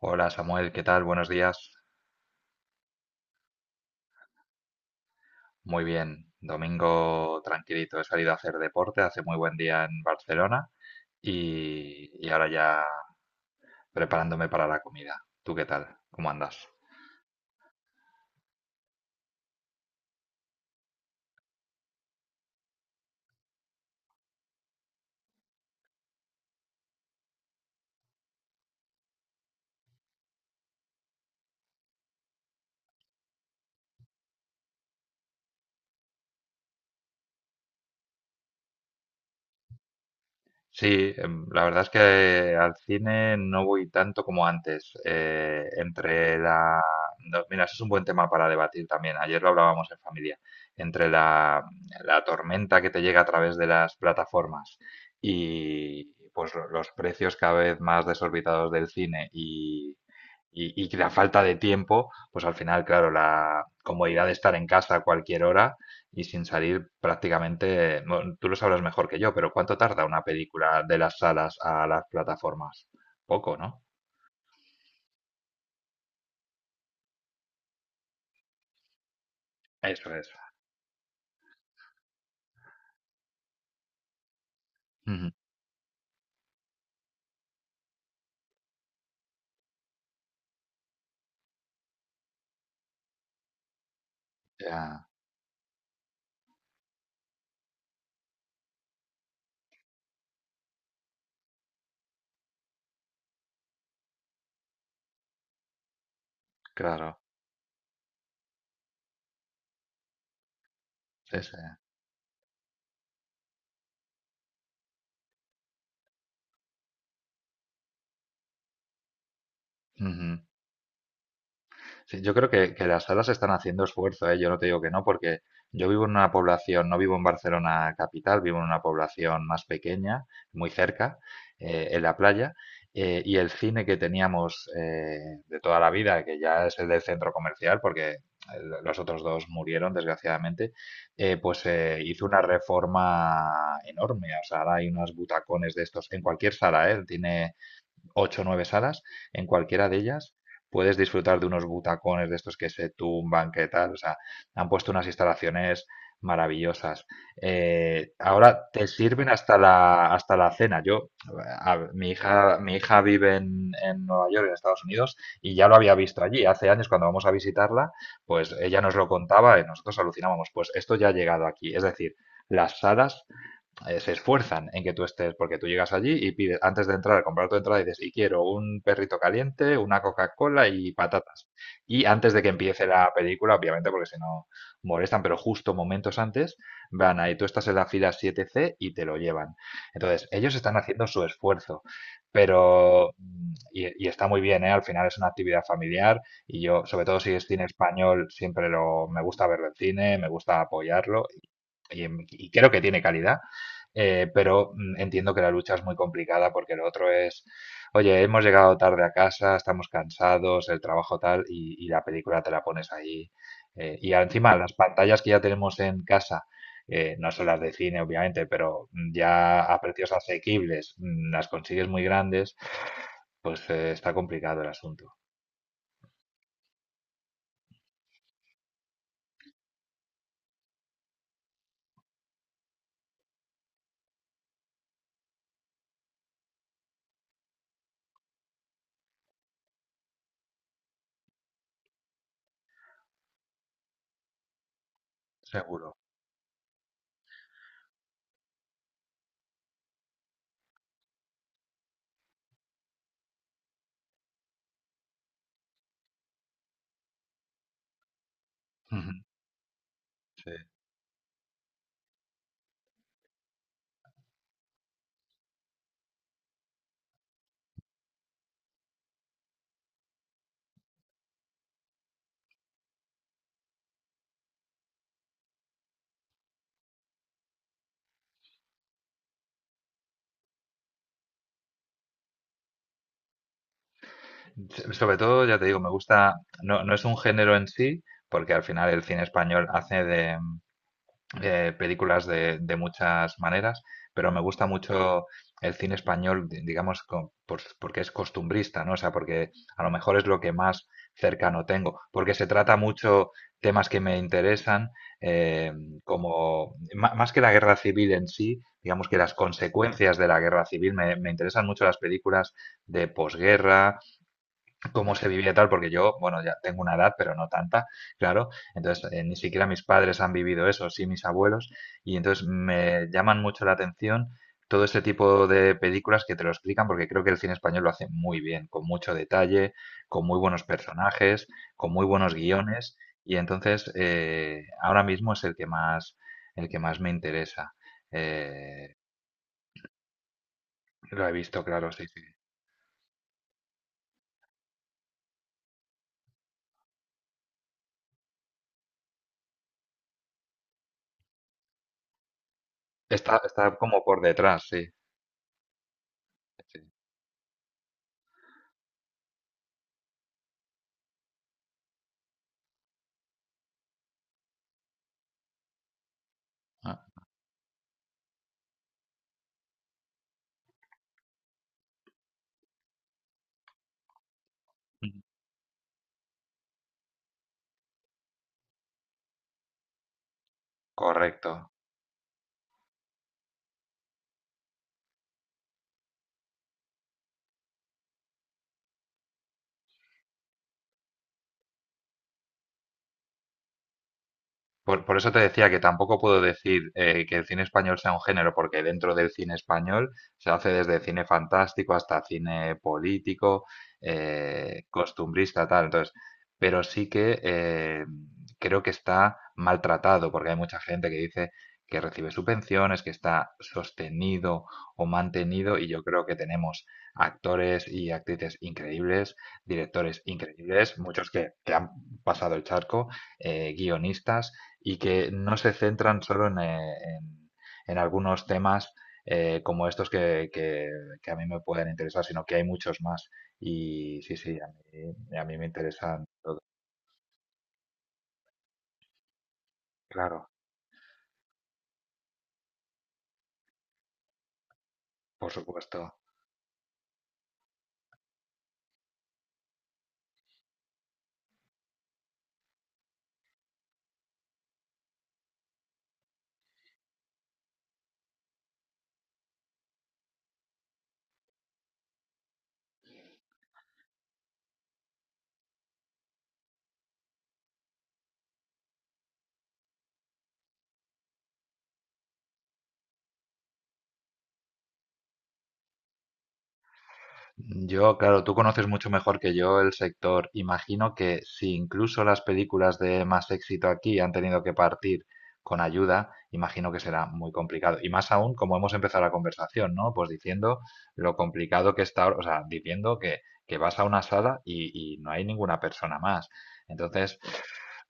Hola Samuel, ¿qué tal? Buenos días. Muy bien, domingo tranquilito. He salido a hacer deporte, hace muy buen día en Barcelona y ahora ya preparándome para la comida. ¿Tú qué tal? ¿Cómo andas? Sí, la verdad es que al cine no voy tanto como antes. Entre no, mira, eso es un buen tema para debatir también. Ayer lo hablábamos en familia. Entre la tormenta que te llega a través de las plataformas y pues los precios cada vez más desorbitados del cine y la falta de tiempo, pues al final, claro, la comodidad de estar en casa a cualquier hora y sin salir prácticamente, bueno, tú lo sabrás mejor que yo, pero ¿cuánto tarda una película de las salas a las plataformas? Poco, ¿no? Eso es. Ujú. Ya, claro. Sí, sí. Ujú. Sí, yo creo que las salas están haciendo esfuerzo, ¿eh? Yo no te digo que no, porque yo vivo en una población, no vivo en Barcelona capital, vivo en una población más pequeña, muy cerca, en la playa, y el cine que teníamos de toda la vida, que ya es el del centro comercial, porque los otros dos murieron, desgraciadamente, pues hizo una reforma enorme. O sea, ahora hay unos butacones de estos en cualquier sala, ¿eh? Tiene ocho o nueve salas, en cualquiera de ellas puedes disfrutar de unos butacones de estos que se tumban, que tal, o sea, han puesto unas instalaciones maravillosas. Ahora te sirven hasta hasta la cena. Yo, mi hija vive en Nueva York, en Estados Unidos, y ya lo había visto allí. Hace años, cuando vamos a visitarla, pues ella nos lo contaba y nosotros alucinábamos. Pues esto ya ha llegado aquí. Es decir, las salas se esfuerzan en que tú estés, porque tú llegas allí y pides, antes de entrar, comprar tu entrada y dices, y quiero un perrito caliente, una Coca-Cola y patatas. Y antes de que empiece la película, obviamente, porque si no molestan, pero justo momentos antes, van ahí, tú estás en la fila 7C y te lo llevan. Entonces, ellos están haciendo su esfuerzo, pero, y está muy bien, ¿eh? Al final es una actividad familiar y yo, sobre todo si es cine español, siempre me gusta verlo en cine, me gusta apoyarlo y, y creo que tiene calidad. Pero entiendo que la lucha es muy complicada porque lo otro es, oye, hemos llegado tarde a casa, estamos cansados, el trabajo tal, y la película te la pones ahí. Y encima las pantallas que ya tenemos en casa, no son las de cine obviamente, pero ya a precios asequibles las consigues muy grandes, pues está complicado el asunto. Seguro. Ujú. Sí. Sobre todo, ya te digo, no, no es un género en sí, porque al final el cine español hace de películas de muchas maneras, pero me gusta mucho el cine español, porque es costumbrista, ¿no? O sea, porque a lo mejor es lo que más cercano tengo, porque se trata mucho temas que me interesan, eh, como más que la guerra civil en sí, digamos que las consecuencias de la guerra civil, me interesan mucho las películas de posguerra cómo se vivía tal, porque yo, bueno, ya tengo una edad, pero no tanta, claro, entonces ni siquiera mis padres han vivido eso, sí mis abuelos, y entonces me llaman mucho la atención todo este tipo de películas que te lo explican, porque creo que el cine español lo hace muy bien, con mucho detalle, con muy buenos personajes, con muy buenos guiones, y entonces ahora mismo es el que más me interesa. Eh, lo he visto, claro, sí, sí. Está, está como por detrás, sí. Sí. Ah, ujú. Correcto. Por eso te decía que tampoco puedo decir que el cine español sea un género, porque dentro del cine español se hace desde cine fantástico hasta cine político, costumbrista, tal. Entonces, pero sí que creo que está maltratado, porque hay mucha gente que dice que recibe subvenciones, que está sostenido o mantenido, y yo creo que tenemos actores y actrices increíbles, directores increíbles, muchos que han pasado el charco, guionistas y que no se centran solo en en algunos temas como estos que a mí me pueden interesar, sino que hay muchos más. Y sí, sí, a mí me interesan, claro, por supuesto. Yo, claro, tú conoces mucho mejor que yo el sector. Imagino que si incluso las películas de más éxito aquí han tenido que partir con ayuda, imagino que será muy complicado. Y más aún, como hemos empezado la conversación, ¿no? Pues diciendo lo complicado que está, o sea, diciendo que vas a una sala y no hay ninguna persona más. Entonces,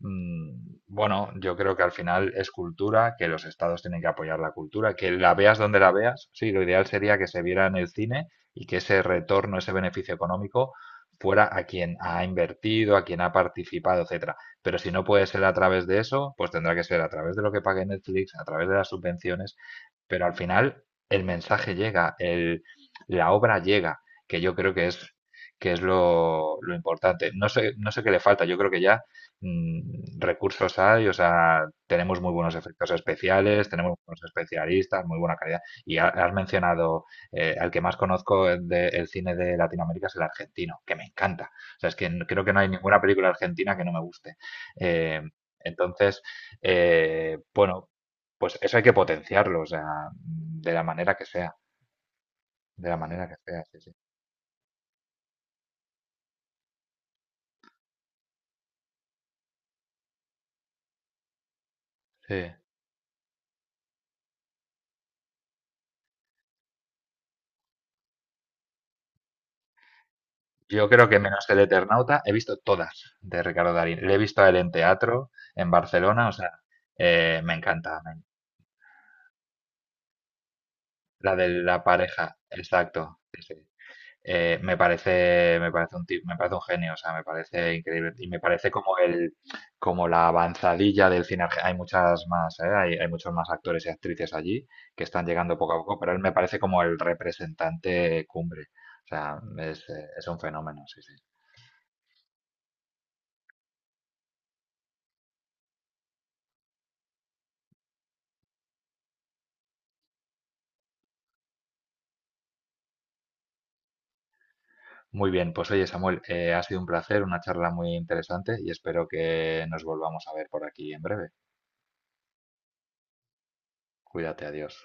mm, bueno, yo creo que al final es cultura, que los estados tienen que apoyar la cultura, que la veas donde la veas. Sí, lo ideal sería que se viera en el cine y que ese retorno, ese beneficio económico fuera a quien ha invertido, a quien ha participado, etcétera. Pero si no puede ser a través de eso, pues tendrá que ser a través de lo que pague Netflix, a través de las subvenciones, pero al final el mensaje llega, la obra llega, que yo creo que es lo importante. No sé, no sé qué le falta, yo creo que ya recursos hay, o sea, tenemos muy buenos efectos especiales, tenemos buenos especialistas, muy buena calidad. Y has mencionado el que más conozco del cine de Latinoamérica es el argentino, que me encanta. O sea, creo que no hay ninguna película argentina que no me guste. Eh, entonces, bueno, pues eso hay que potenciarlo, o sea, de la manera que sea, de la manera que sea, sí, sí. Sí. Yo creo que menos el Eternauta he visto todas de Ricardo Darín. Le he visto a él en teatro, en Barcelona, o sea, me encanta. La de la pareja, exacto. Me parece un genio, o sea, me parece increíble. Y me parece como como la avanzadilla del cine. Hay muchas más, ¿eh? Hay muchos más actores y actrices allí que están llegando poco a poco, pero él me parece como el representante cumbre. O sea, es un fenómeno, sí, sí. Muy bien, pues oye, Samuel, ha sido un placer, una charla muy interesante y espero que nos volvamos a ver por aquí en breve. Cuídate, adiós.